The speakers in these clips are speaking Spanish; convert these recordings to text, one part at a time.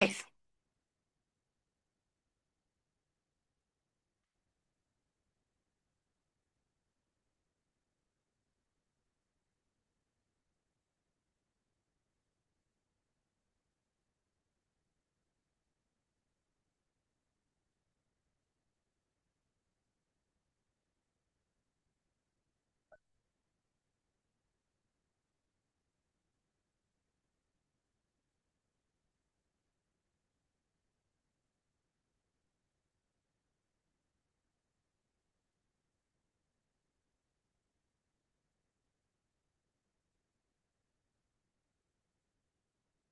Eso.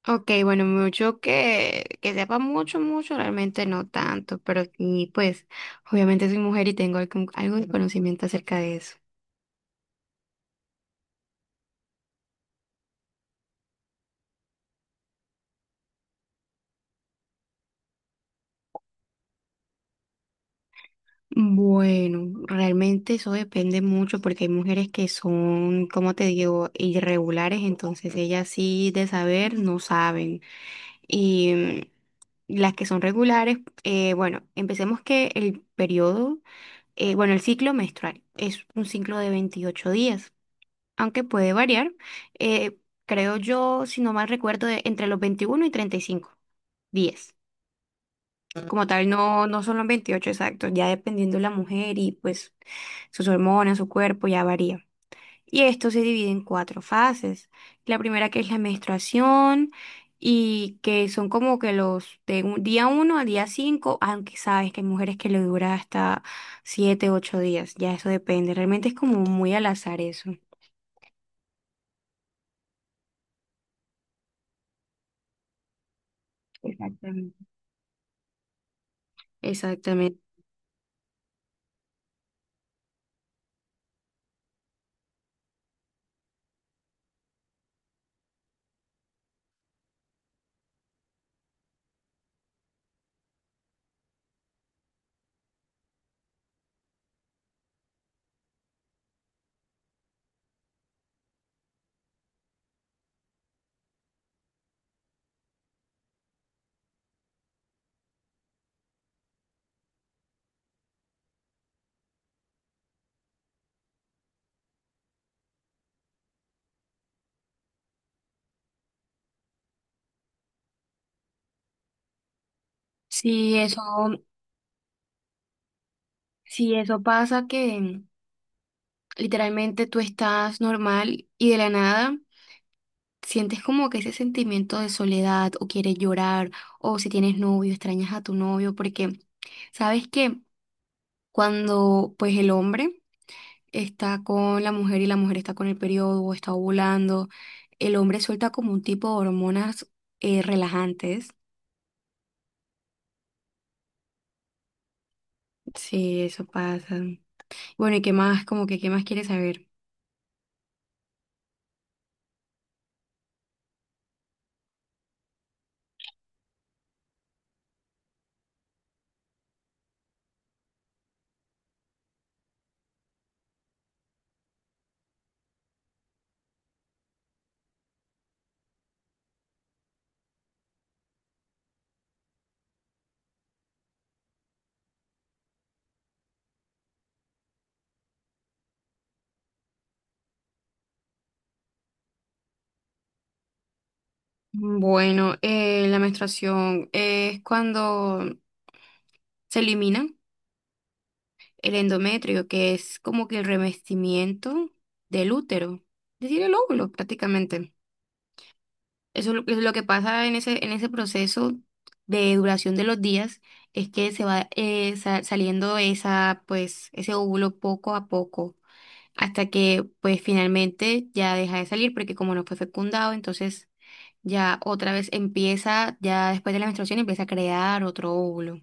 Ok, bueno, mucho que sepa mucho, mucho, realmente no tanto, pero sí, pues obviamente soy mujer y tengo algo de conocimiento acerca de eso. Bueno, realmente eso depende mucho porque hay mujeres que son, como te digo, irregulares, entonces ellas sí de saber no saben. Y mm, las que son regulares, bueno, empecemos que el periodo, bueno, el ciclo menstrual es un ciclo de 28 días, aunque puede variar, eh, creo yo, si no mal recuerdo, de entre los 21 y 35. 10. Como tal, no, no son los 28 exactos, ya dependiendo de la mujer y pues sus hormonas, su cuerpo, ya varía. Y esto se divide en cuatro fases. La primera, que es la menstruación, y que son como que los de día uno al día cinco, aunque sabes que hay mujeres que le dura hasta 7, 8 días, ya eso depende. Realmente es como muy al azar eso. Exactamente. Exactamente. si eso, si eso pasa, que literalmente tú estás normal y de la nada sientes como que ese sentimiento de soledad o quieres llorar, o si tienes novio extrañas a tu novio, porque sabes que cuando pues el hombre está con la mujer y la mujer está con el periodo o está ovulando, el hombre suelta como un tipo de hormonas relajantes. Sí, eso pasa. Bueno, ¿y qué más? Como que, ¿qué más quieres saber? Bueno, la menstruación es cuando se elimina el endometrio, que es como que el revestimiento del útero, es decir, el óvulo prácticamente. Eso es lo que pasa en ese proceso de duración de los días, es que se va saliendo esa, pues, ese óvulo poco a poco, hasta que pues finalmente ya deja de salir, porque como no fue fecundado, entonces ya otra vez empieza, ya después de la menstruación empieza a crear otro óvulo.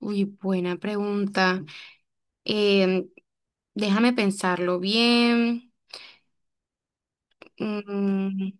Uy, buena pregunta. Em, Déjame pensarlo bien. Mm,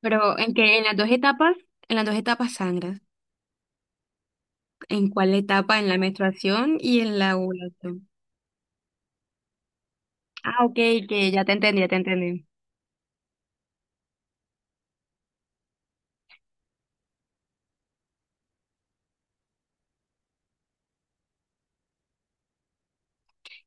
pero en que en las dos etapas sangras. ¿En cuál etapa? En la menstruación y en la ovulación. Ah, ok, que ya te entendí, ya te entendí.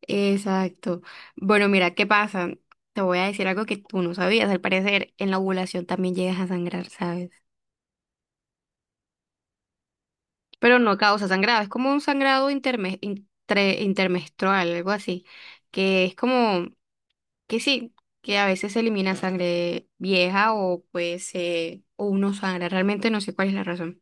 Exacto. Bueno, mira, ¿qué pasa? Te voy a decir algo que tú no sabías. Al parecer, en la ovulación también llegas a sangrar, ¿sabes? Pero no causa sangrado, es como un sangrado intermenstrual, algo así, que es como que sí, que a veces se elimina sangre vieja o pues o uno sangra, realmente no sé cuál es la razón.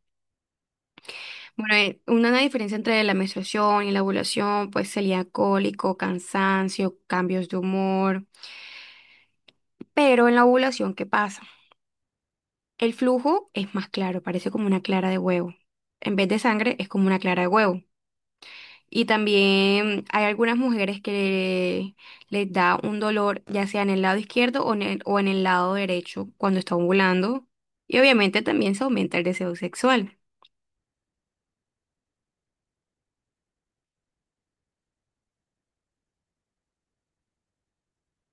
Bueno, una diferencia entre la menstruación y la ovulación, pues sería cólico, cansancio, cambios de humor, pero en la ovulación, ¿qué pasa? El flujo es más claro, parece como una clara de huevo. En vez de sangre, es como una clara de huevo. Y también hay algunas mujeres que les da un dolor, ya sea en el lado izquierdo o en el lado derecho, cuando está ovulando. Y obviamente también se aumenta el deseo sexual.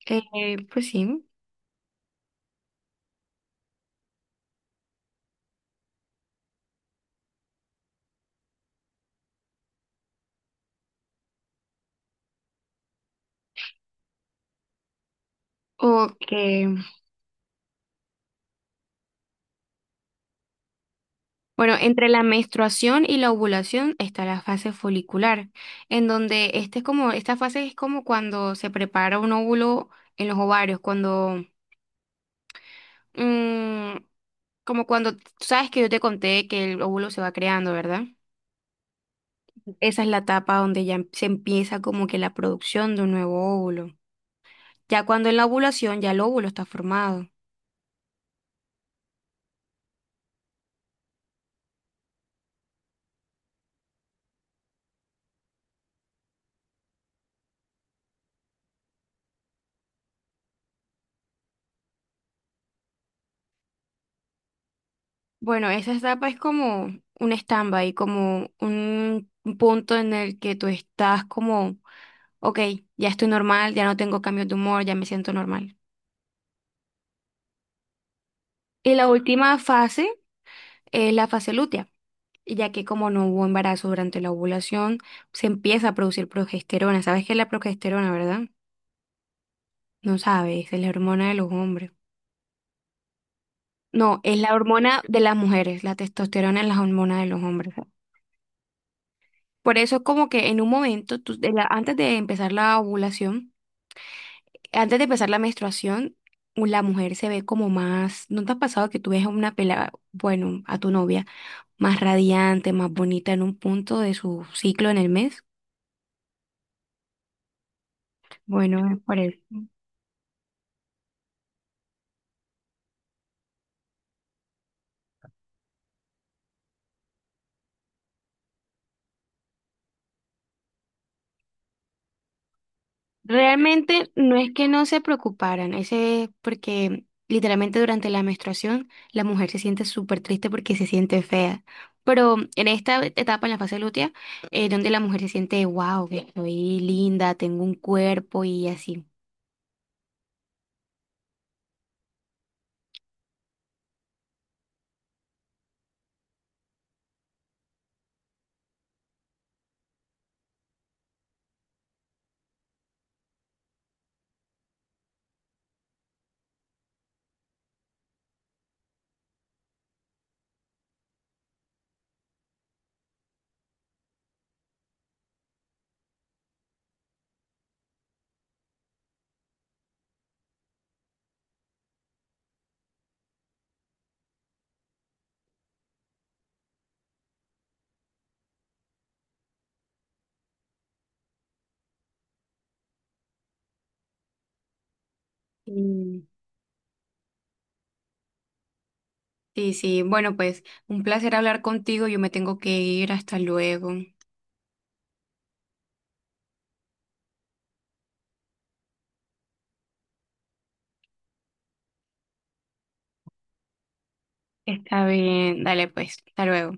Pues sí. Ok. Bueno, entre la menstruación y la ovulación está la fase folicular, en donde este es como, esta fase es como cuando se prepara un óvulo en los ovarios, cuando mm, como cuando tú sabes que yo te conté que el óvulo se va creando, ¿verdad? Esa es la etapa donde ya se empieza como que la producción de un nuevo óvulo. Ya cuando en la ovulación ya el óvulo está formado. Bueno, esa etapa es como un stand-by, como un punto en el que tú estás como, ok, ya estoy normal, ya no tengo cambios de humor, ya me siento normal. Y la última fase es la fase lútea, y ya que como no hubo embarazo durante la ovulación, se empieza a producir progesterona. ¿Sabes qué es la progesterona, verdad? No sabes, es la hormona de los hombres. No, es la hormona de las mujeres, la testosterona es la hormona de los hombres. Por eso es como que en un momento, antes de empezar la ovulación, antes de empezar la menstruación, u- la mujer se ve como más, ¿no te ha pasado que tú ves a una pelada, bueno, a tu novia, más radiante, más bonita en un punto de su ciclo en el mes? Bueno, es por eso. Realmente no es que no se preocuparan, ese es porque literalmente durante la menstruación la mujer se siente súper triste porque se siente fea. Pero en esta etapa, en la fase lútea, es donde la mujer se siente, wow, que estoy linda, tengo un cuerpo y así. Mm. Sí, sí. Bueno, pues un placer hablar contigo. Yo me tengo que ir. Hasta luego. Está bien, dale pues, hasta luego.